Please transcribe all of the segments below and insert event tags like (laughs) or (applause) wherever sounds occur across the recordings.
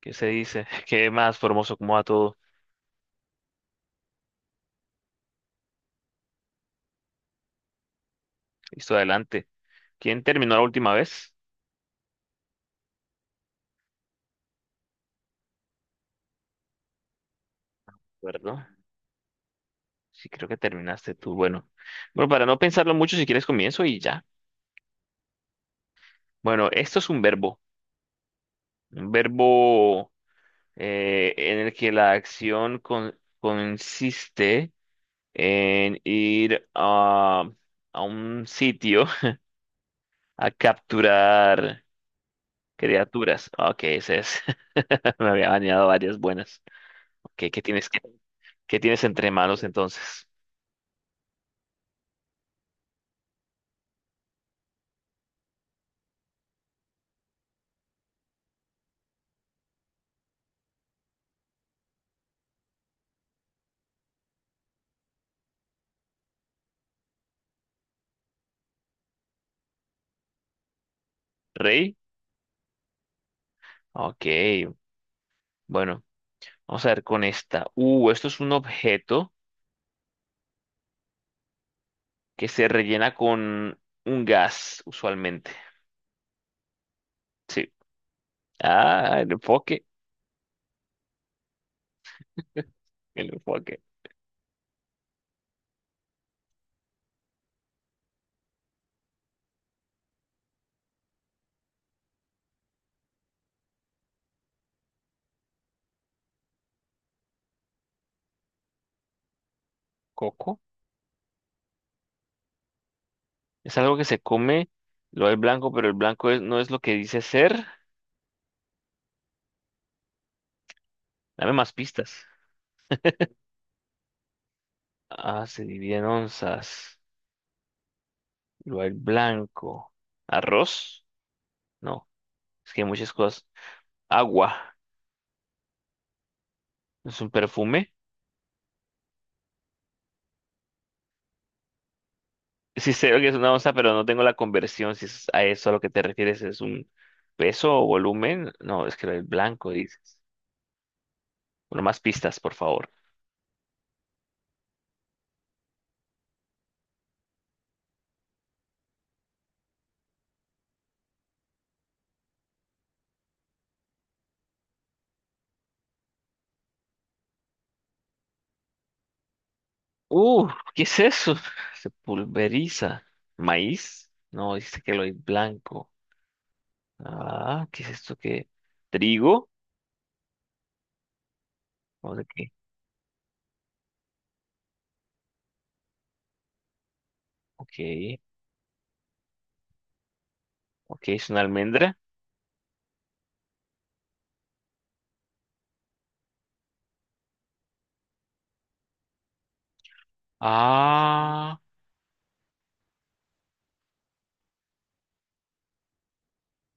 ¿Qué se dice? (laughs) ¿Qué más, Formoso? ¿Cómo va todo? Listo, adelante. ¿Quién terminó la última vez? ¿Acuerdo? Sí, creo que terminaste tú. Bueno, bueno, para no pensarlo mucho, si quieres comienzo y ya. Bueno, esto es un verbo. Un verbo en el que la acción consiste en ir a un sitio (laughs) a capturar criaturas. Ok, ese es. (laughs) Me había bañado varias buenas. Ok, ¿qué tienes, qué tienes entre manos entonces? Rey. Ok, bueno, vamos a ver con esta. Esto es un objeto que se rellena con un gas, usualmente. Sí. Ah, el enfoque. (laughs) El enfoque. Coco. Es algo que se come, lo del blanco, pero el blanco no es lo que dice ser. Dame más pistas. Ah, se divide en onzas. Lo del blanco. ¿Arroz? No, es que hay muchas cosas. Agua. ¿Es un perfume? Sí sé lo que es una onza, pero no tengo la conversión. Si es a eso a lo que te refieres, ¿es un peso o volumen? No, es que el blanco dices. Bueno, más pistas, por favor. Uh, ¿Qué es eso? (laughs) Se pulveriza. ¿Maíz? No, dice que lo es blanco. Ah, ¿qué es esto que? ¿Trigo? ¿O de qué? Ok, ok, es una almendra. Ah,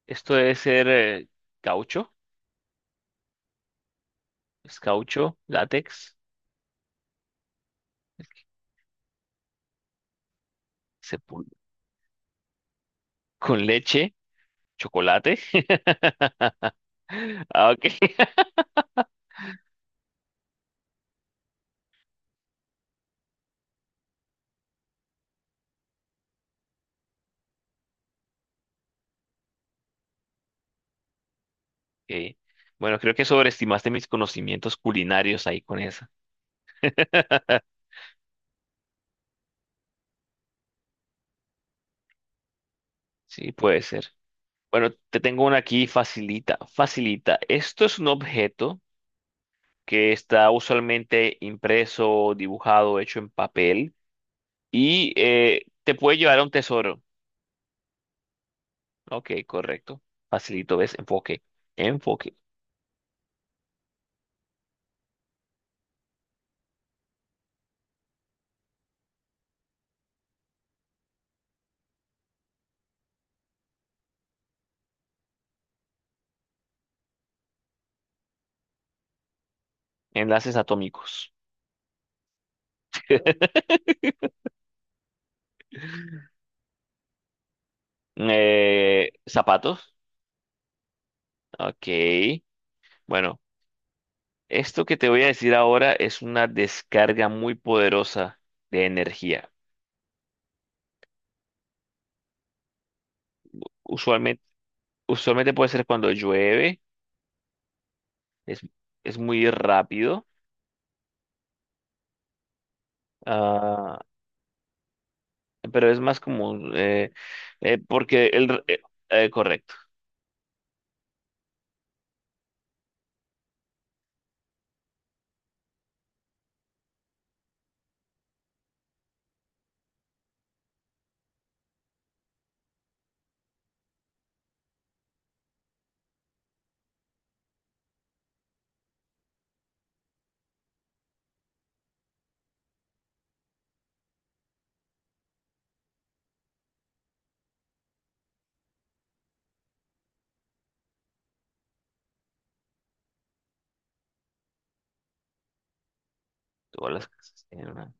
esto debe ser caucho. Es caucho, látex, se pul- con leche. ¿Chocolate? (laughs) Ah, ok. (laughs) Ok. Bueno, creo que sobreestimaste mis conocimientos culinarios ahí con esa. (laughs) Sí, puede ser. Bueno, te tengo una aquí facilita, facilita. Esto es un objeto que está usualmente impreso, dibujado, hecho en papel y te puede llevar a un tesoro. Ok, correcto. Facilito, ¿ves? Enfoque, enfoque. Enlaces atómicos. (laughs) Zapatos. Ok. Bueno, esto que te voy a decir ahora es una descarga muy poderosa de energía. Usualmente, usualmente puede ser cuando llueve, es, es muy rápido, ah, pero es más como, porque el... correcto, todas las casas tienen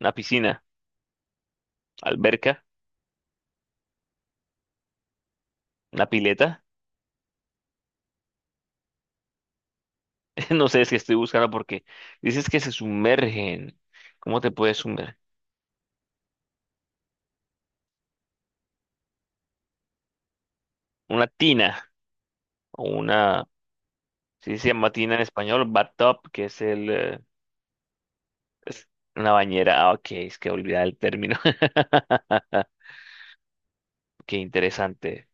una piscina, alberca, una pileta. (laughs) No sé es que estoy buscando porque dices que se sumergen. ¿Cómo te puedes sumergir? Una tina o una... Si se llama tina en español, bathtub, que es el... Es una bañera. Ah, ok, es que olvidaba el término. (laughs) Qué interesante.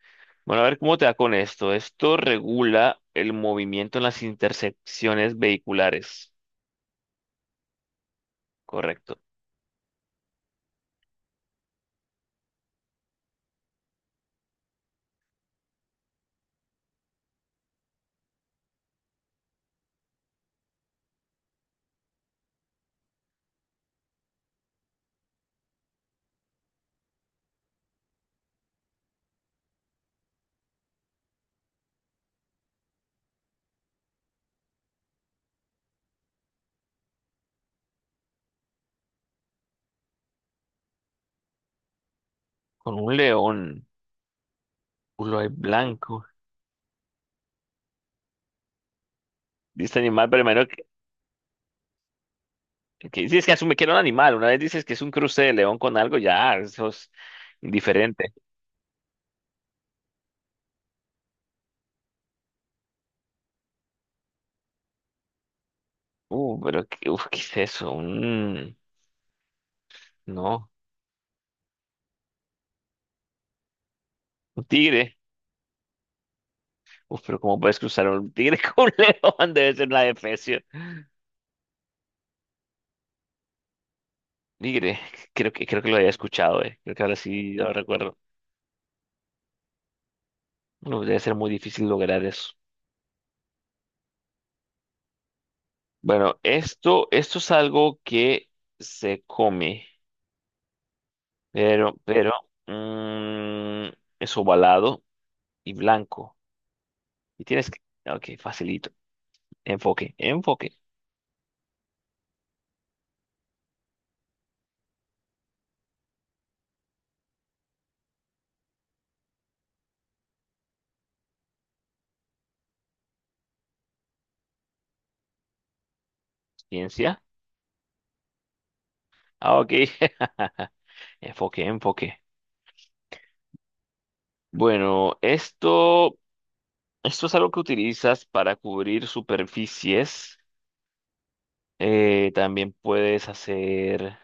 Bueno, a ver cómo te va con esto. Esto regula el movimiento en las intersecciones vehiculares. Correcto. Con un león, culo lobo blanco. Dice animal, pero primero que dices que asume que era un animal. Una vez dices que es un cruce de león con algo, ya, eso es indiferente. Pero qué, uf, ¿qué es eso? Un, no, un tigre. Uf, pero ¿cómo puedes cruzar un tigre (laughs) con un león? Debe ser una especie. Nigre, creo que lo había escuchado, eh. Creo que ahora sí lo recuerdo. No, debe ser muy difícil lograr eso. Bueno, esto es algo que se come, pero mm, es ovalado y blanco. Y tienes que... Ok, facilito. Enfoque, enfoque. Ciencia. Ah, ok. (laughs) Enfoque, enfoque. Bueno, esto es algo que utilizas para cubrir superficies. También puedes hacer...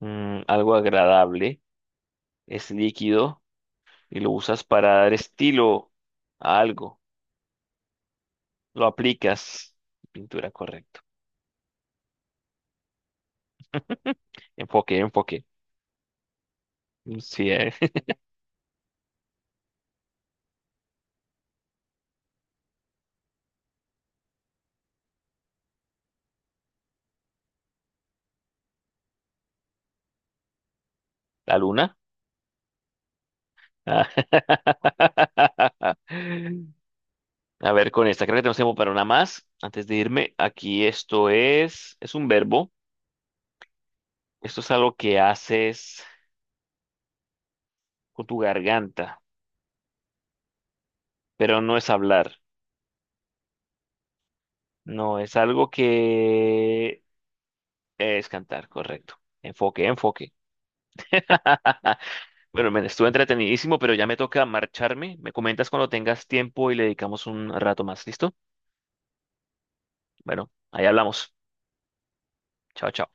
mm, algo agradable, es líquido y lo usas para dar estilo a algo. Lo aplicas. Pintura, correcto. (laughs) Enfoque, enfoque. Mm, sí, (laughs) la luna. Ah. (laughs) A ver, con esta, creo que tenemos tiempo para una más. Antes de irme, aquí es un verbo. Esto es algo que haces con tu garganta, pero no es hablar. No, es algo que es cantar, correcto. Enfoque, enfoque. (laughs) Bueno, men, estuvo entretenidísimo, pero ya me toca marcharme. Me comentas cuando tengas tiempo y le dedicamos un rato más. ¿Listo? Bueno, ahí hablamos. Chao, chao.